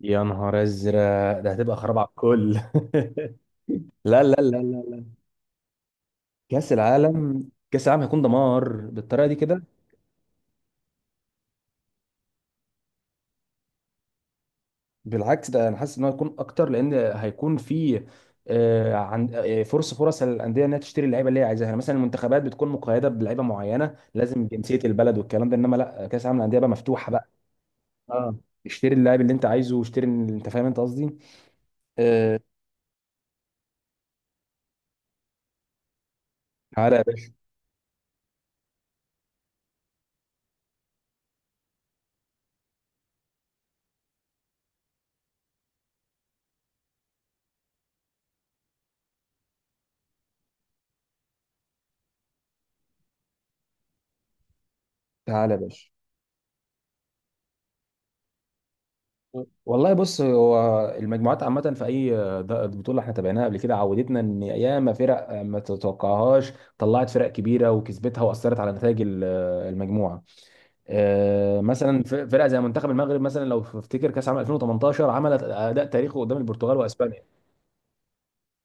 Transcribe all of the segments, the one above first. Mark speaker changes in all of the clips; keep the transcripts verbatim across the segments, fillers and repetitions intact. Speaker 1: يا نهار ازرق ده هتبقى خراب على الكل. لا لا لا لا كاس العالم، كاس العالم هيكون دمار بالطريقه دي كده. بالعكس، ده انا حاسس ان هو هيكون اكتر، لان هيكون في آه، عن آه، فرص فرص للانديه انها تشتري اللعيبه اللي هي عايزاها. يعني مثلا المنتخبات بتكون مقيده بلعيبه معينه، لازم جنسيه البلد والكلام ده، انما لا، كاس العالم للانديه بقى مفتوحه بقى. اه. اشتري اللاعب اللي انت عايزه، واشتري، انت فاهم انت قصدي. آه، تعالى يا باشا. تعالى يا باشا والله بص، هو المجموعات عامة في أي د- بطولة احنا تابعناها قبل كده، عودتنا إن ياما فرق ما تتوقعهاش طلعت فرق كبيرة وكسبتها، وأثرت على نتائج ال- المجموعة. آه، مثلا ف- فرقة زي منتخب المغرب، مثلا لو تفتكر كأس عام ألفين وتمنتاشر، عملت أداء تاريخي قدام البرتغال وأسبانيا.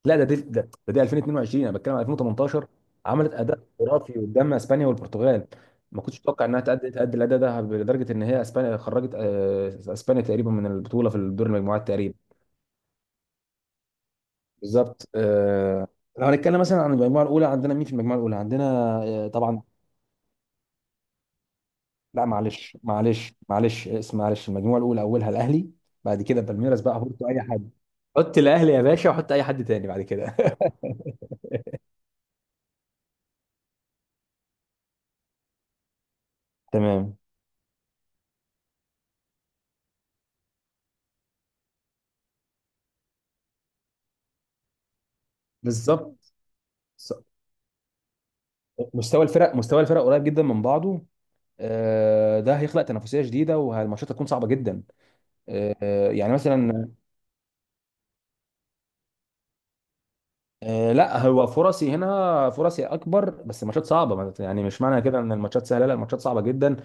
Speaker 1: لا، ده دي ده, ده دي ألفين واتنين وعشرين، أنا بتكلم على ألفين وتمنتاشر. عملت أداء خرافي قدام أسبانيا والبرتغال. ما كنتش اتوقع انها تأدي تأدي الاداء ده، لدرجه ان هي اسبانيا خرجت، آه، اسبانيا تقريبا من البطوله في دور المجموعات تقريبا. بالظبط آه. لو هنتكلم مثلا عن المجموعه الاولى، عندنا مين في المجموعه الاولى عندنا؟ آه طبعا. لا معلش، معلش معلش، اسم معلش، المجموعه الاولى اولها الاهلي. بعد كده بالميراس، بقى حطوا اي حد. حط الاهلي يا باشا، وحط اي حد تاني بعد كده. تمام. بالظبط. س- مستوى الفرق، مستوى الفرق قريب جدا من بعضه. آه، ده هيخلق تنافسيه جديده، والماتشات هتكون صعبه جدا. آه، يعني مثلا آه، لا هو فرصي هنا، فرصي اكبر، بس الماتشات صعبه. ما- يعني مش معنى كده ان الماتشات سهله، لا، الماتشات صعبه جدا.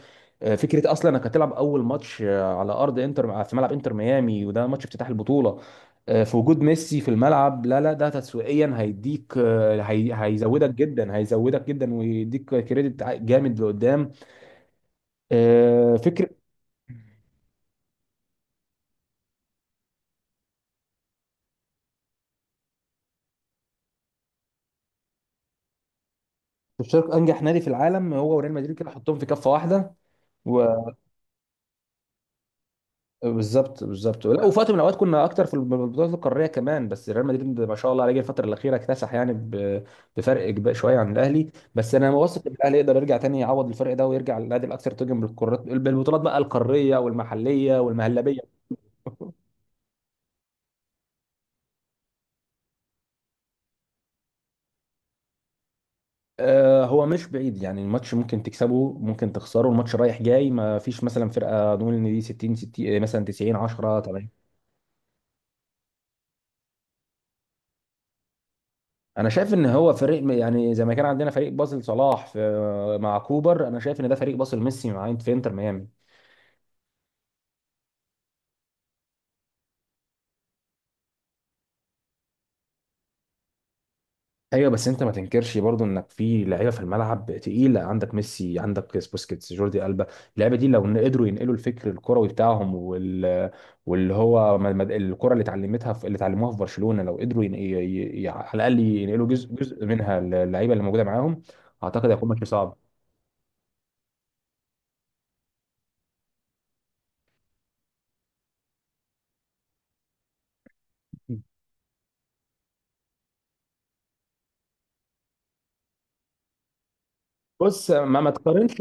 Speaker 1: آه، فكره اصلا انك هتلعب اول ماتش آه، على ارض انتر، آه، في ملعب انتر ميامي، وده ماتش افتتاح البطوله آه، في وجود ميسي في الملعب، لا لا، ده تسويقيا هيديك، آه، هي- هيزودك جدا، هيزودك جدا ويديك كريدت ع- جامد لقدام. آه، فكره تشارك انجح نادي في العالم هو وريال مدريد، كده حطهم في كفه واحده. بالظبط، بالظبط. لا، وفي وقت من الاوقات كنا اكتر في البطولات القاريه كمان، بس ريال مدريد ما شاء الله عليه جه الفتره الاخيره اكتسح يعني ب- بفرق كبير شويه عن الاهلي، بس انا واثق ان الاهلي يقدر يرجع تاني، يعوض الفرق ده، ويرجع للنادي الاكثر تتويجا بالقارات، بالبطولات بقى القاريه والمحليه والمهلبيه. آه، هو مش بعيد، يعني الماتش ممكن تكسبه، ممكن تخسره، الماتش رايح جاي، ما فيش مثلا فرقه نقول ان دي ستين ستين، آه، مثلا تسعين عشرة. انا شايف ان هو فريق، يعني زي ما كان عندنا فريق باسل صلاح في مع كوبر، انا شايف ان ده فريق باسل ميسي مع في انتر ميامي. ايوه، بس انت ما تنكرش برضو انك في لعيبه في الملعب تقيله، عندك ميسي، عندك بوسكيتس، جوردي البا. اللعيبه دي لو إن قدروا ينقلوا الفكر الكروي بتاعهم وال... واللي هو م- م- الكره اللي اتعلمتها في... اللي اتعلموها في برشلونه، لو قدروا ين... ي... ي... ي- على الاقل ينقلوا جزء جزء منها للعيبه اللي موجوده معاهم. اعتقد هيكون ماتش صعب. بص، ما ما تقارنش،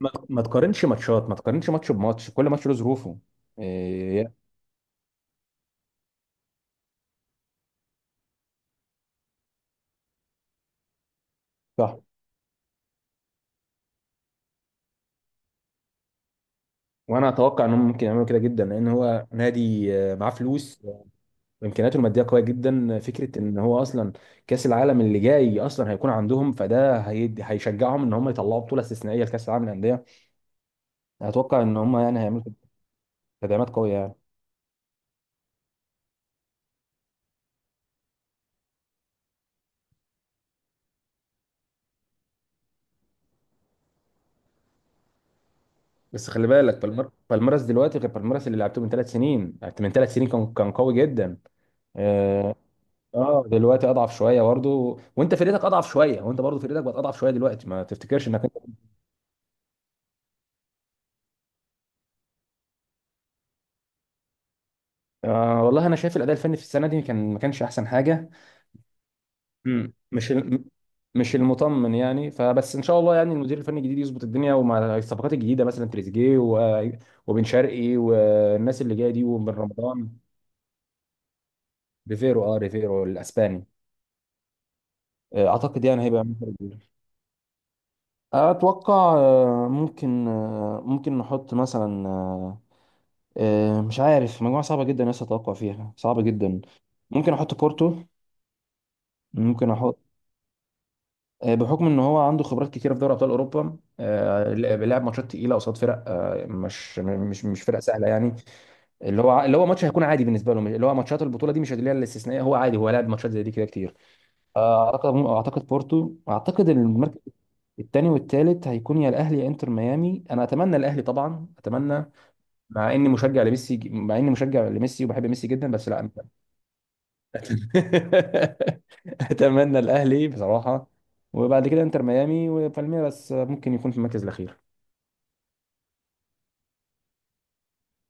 Speaker 1: ما ما تقارنش ماتشات، ما تقارنش ماتش بماتش، كل ماتش له ظروفه. إيه. صح. وانا اتوقع انهم ممكن يعملوا كده جدا، لان هو نادي، آه، معاه فلوس وامكانياته الماديه قويه جدا. فكره ان هو اصلا كاس العالم اللي جاي اصلا هيكون عندهم، فده هيدي، هيشجعهم ان هم يطلعوا بطوله استثنائيه لكاس العالم للانديه. اتوقع ان هم يعني هيعملوا تدعيمات قويه يعني. بس خلي بالك بالمر... بالميراس دلوقتي غير بالميراس اللي لعبته من ثلاث سنين، من ثلاث سنين كان، كان قوي جدا. اه، دلوقتي اضعف شويه برضه، وانت فرقتك اضعف شويه، وانت برضه فرقتك بقت اضعف شويه دلوقتي، ما تفتكرش انك انت. آه والله انا شايف الاداء الفني في السنه دي كان، ما كانش احسن حاجه. مم. مش ال... مش المطمن يعني، فبس ان شاء الله يعني المدير الفني الجديد يظبط الدنيا، ومع الصفقات الجديده مثلا تريزيجيه و... وبن شرقي، والناس اللي جايه دي، وبن رمضان. ريفيرو، اه، ريفيرو الاسباني. آه، اعتقد يعني هيبقى ممكن. اتوقع، آه، ممكن آه، ممكن نحط مثلا آه، مش عارف، مجموعة صعبة جدا لسه، أتوقع فيها صعبة جدا. ممكن أحط بورتو، ممكن أحط آه، بحكم إن هو عنده خبرات كتيرة في دوري أبطال أوروبا، آه، لعب ماتشات تقيلة قصاد فرق آه، مش مش مش فرق سهلة يعني. اللي هو اللي هو ماتش هيكون عادي بالنسبة له، مش- اللي هو ماتشات البطولة دي، مش اللي هي الاستثنائية، هو عادي، هو لعب ماتشات زي دي كده كتير. آه، أعتقد أعتقد بورتو أعتقد المركز التاني والتالت هيكون يا الاهلي يا انتر ميامي، انا اتمنى الاهلي طبعا، اتمنى. مع اني مشجع لميسي، مع اني مشجع لميسي وبحب ميسي جدا، بس لا. اتمنى الاهلي بصراحه، وبعد كده انتر ميامي، وبالميراس ممكن يكون في المركز الاخير.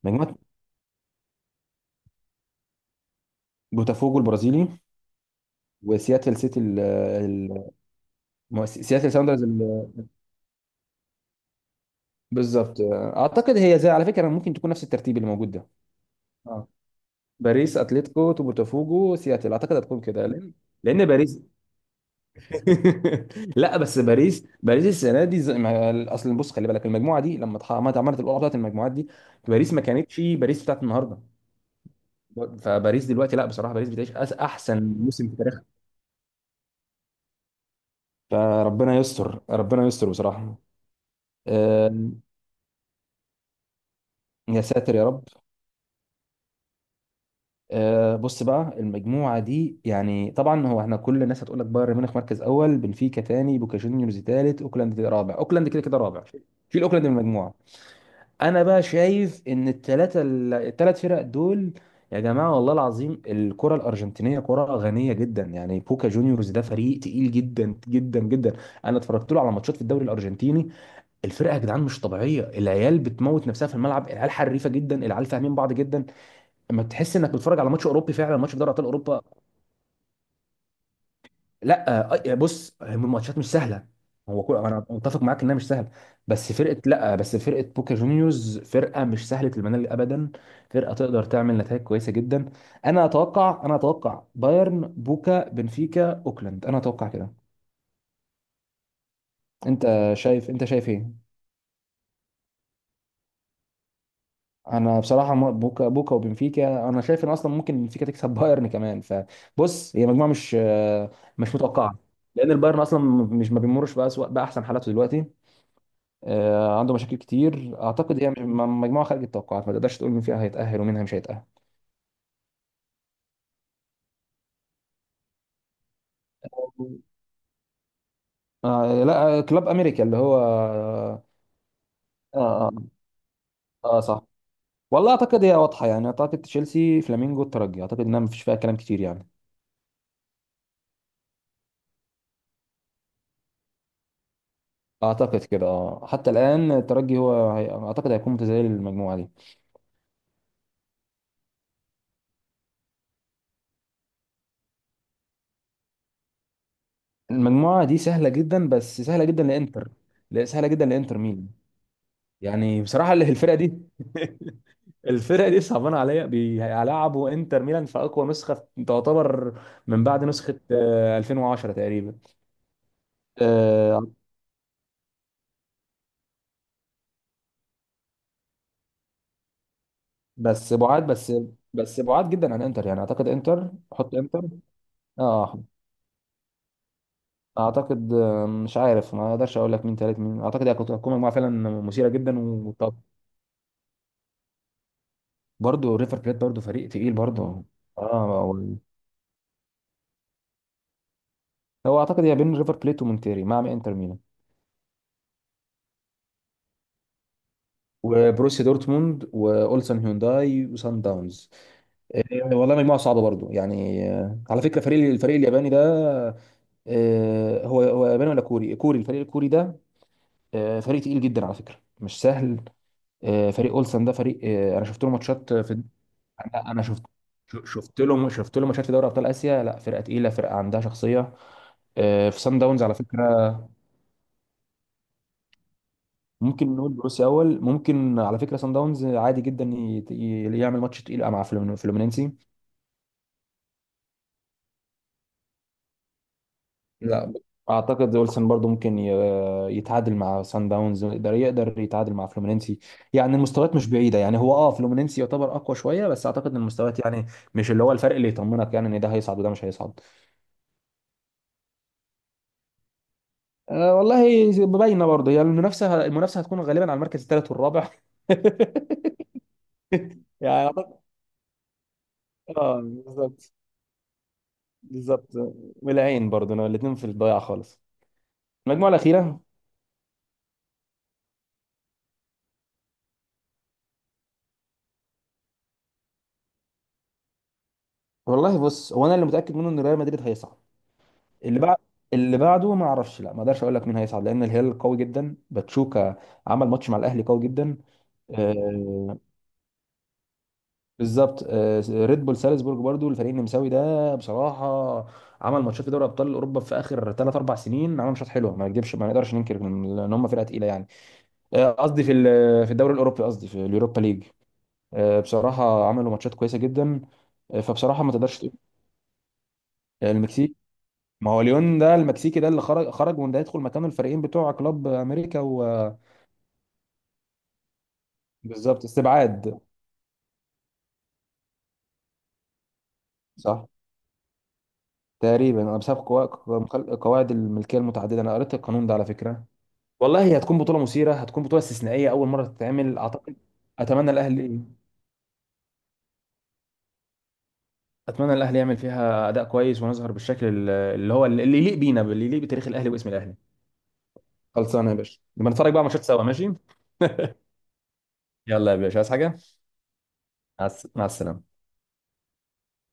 Speaker 1: مجموعه بوتافوجو البرازيلي وسياتل سيتي ال ال- مو- سياتل ساوندرز ال- بالظبط. اعتقد هي، زي على فكره، ممكن تكون نفس الترتيب اللي موجود ده. اه، باريس، اتلتيكو، بوتافوجو، سياتل، اعتقد هتكون كده. لان لان باريس لا، بس باريس، باريس السنه دي، زي ما- اصل بص خلي بالك، المجموعه دي لما اتح- عملت، عملت القرعه بتاعت المجموعات دي، باريس ما كانتش باريس بتاعت النهارده. فباريس دلوقتي، لا بصراحه باريس بتعيش أس- احسن موسم في تاريخها. فربنا يستر، ربنا يستر بصراحه. آه، يا ساتر يا رب. آه، بص بقى، المجموعه دي يعني طبعا هو، احنا كل الناس هتقول لك بايرن ميونخ مركز اول، بنفيكا ثاني، بوكا جونيورز ثالث، اوكلاند رابع، اوكلاند كده كده رابع. شيل اوكلاند من المجموعه. انا بقى شايف ان الثلاثه الثلاث فرق دول، يا جماعه والله العظيم، الكره الارجنتينيه كره غنيه جدا. يعني بوكا جونيورز ده فريق تقيل جدا جدا جدا. انا اتفرجت له على ماتشات في الدوري الارجنتيني، الفرقه يا جدعان مش طبيعيه، العيال بتموت نفسها في الملعب، العيال حريفه جدا، العيال فاهمين بعض جدا، اما تحس انك بتتفرج على ماتش اوروبي فعلا، ماتش في دوري ابطال اوروبا. لا آه، آه، بص، هم الماتشات مش سهله، هو كل انا متفق معاك انها مش سهله، بس فرقه لا بس فرقه بوكا جونيورز فرقه مش سهله المنال ابدا، فرقه تقدر تعمل نتائج كويسه جدا. انا اتوقع انا اتوقع بايرن، بوكا، بنفيكا، اوكلاند، انا اتوقع كده. انت شايف، انت شايف ايه؟ انا بصراحه، م- بوكا بوكا وبنفيكا، انا شايف ان اصلا ممكن بنفيكا تكسب بايرن كمان، فبص هي مجموعه مش آه، مش متوقعه، لان البايرن اصلا مش، ما بيمرش بقى بقى احسن حالاته دلوقتي، آه، عنده مشاكل كتير. اعتقد هي مش- م- مجموعه خارج التوقعات، ما تقدرش تقول مين فيها هيتاهل ومين مش هيتاهل. آه لا آه، كلوب امريكا اللي هو اه. اه, آه صح. والله اعتقد هي واضحه يعني، اعتقد تشيلسي، فلامينجو، الترجي، اعتقد انها مفيش فيها كلام كتير يعني. اعتقد كده، اه، حتى الان الترجي هو هي... اعتقد هيكون متزايل المجموعه دي. المجموعه دي سهله جدا، بس سهله جدا لانتر لا، سهله جدا لانتر ميلان. يعني بصراحه، اللي الفرقه دي الفرق دي صعبانه عليا، بيلعبوا انتر ميلان في اقوى نسخه تعتبر من بعد نسخه آه، ألفين وعشرة تقريبا. آه، بس بعاد بس بس بعاد جدا عن انتر يعني، اعتقد انتر، حط انتر. اه، اعتقد آه، مش عارف، ما اقدرش اقول لك مين تالت مين، اعتقد هي كانت هتكون مجموعه فعلا مثيره جدا. وطب برضه ريفر بليت برضه فريق تقيل برضه. اه، هو، هو اعتقد هي بين ريفر بليت ومونتيري مع انتر ميلان. وبروسيا دورتموند، واولسن هيونداي، وسان داونز. والله مجموعه صعبه برضو يعني. آه، على فكره فريق، الفريق الياباني ده، آه، هو هو ياباني ولا كوري؟ كوري الفريق الكوري ده. آه، فريق تقيل جدا على فكره، مش سهل. آه، فريق اولسن ده فريق آه، انا شفت له ماتشات في، انا أنا شفت ش- شفت له شفت له ماتشات في دوري ابطال اسيا، لا فرقه تقيله، فرقه عندها شخصيه. آه، في سان داونز على فكره. ممكن نقول بروسيا اول، ممكن على فكره سان داونز عادي جدا ي- ي- يعمل ماتش تقيل مع فلومينينسي. لا اعتقد اولسن برضو ممكن ي- يتعادل مع سان داونز، يقدر يقدر يتعادل مع فلومينينسي. يعني المستويات مش بعيده، يعني هو اه، فلومينينسي يعتبر اقوى شويه، بس اعتقد ان المستويات يعني مش اللي هو الفرق اللي يطمنك يعني ان ده هيصعد وده مش هيصعد. أه والله باينه برضه هي، يعني المنافسه، المنافسه هتكون غالبا على المركز الثالث والرابع. يعني اعتقد، اه، بالظبط، بالظبط. والعين برضه الاثنين في الضياع خالص. المجموعه الاخيره. والله بص، هو انا اللي متاكد منه ان ريال مدريد هيصعد. اللي بعد، اللي بعده ما اعرفش، لا ما اقدرش اقول لك مين هيصعد، لان الهلال قوي جدا، باتشوكا عمل ماتش مع الاهلي قوي جدا. آه، بالظبط آه. ريد بول سالزبورج برضو، الفريق النمساوي ده بصراحه عمل ماتشات في دوري ابطال اوروبا في اخر ثلاث اربع سنين، عمل ماتشات حلوه، ما نكذبش، ما نقدرش ننكر ان إن هم فرقه تقيله يعني. آه، قصدي في ال- في الدوري الاوروبي، قصدي في اليوروبا ليج. آه، بصراحه عملوا ماتشات كويسه جدا. آه، فبصراحه ما تقدرش تقول. المكسيك، ما هو ليون ده المكسيكي ده اللي خرج، خرج وان ده يدخل مكانه، الفريقين بتوع كلوب امريكا و... بالظبط، استبعاد. صح. تقريبا أنا بسبب قوا- قواعد الملكيه المتعدده، انا قريت القانون ده على فكره. والله هي هتكون بطوله مثيره، هتكون بطوله استثنائيه، اول مره تتعمل اعتقد. اتمنى الاهلي، اتمنى الاهلي يعمل فيها اداء كويس، ونظهر بالشكل ال- اللي هو اللي يليق بينا، اللي يليق بتاريخ الاهلي واسم الاهلي. خلصانه يا باشا، نبقى نتفرج بقى على ماتشات سوا، ماشي. يلا يا باشا، عايز حاجه؟ مع الس- مع السلامه.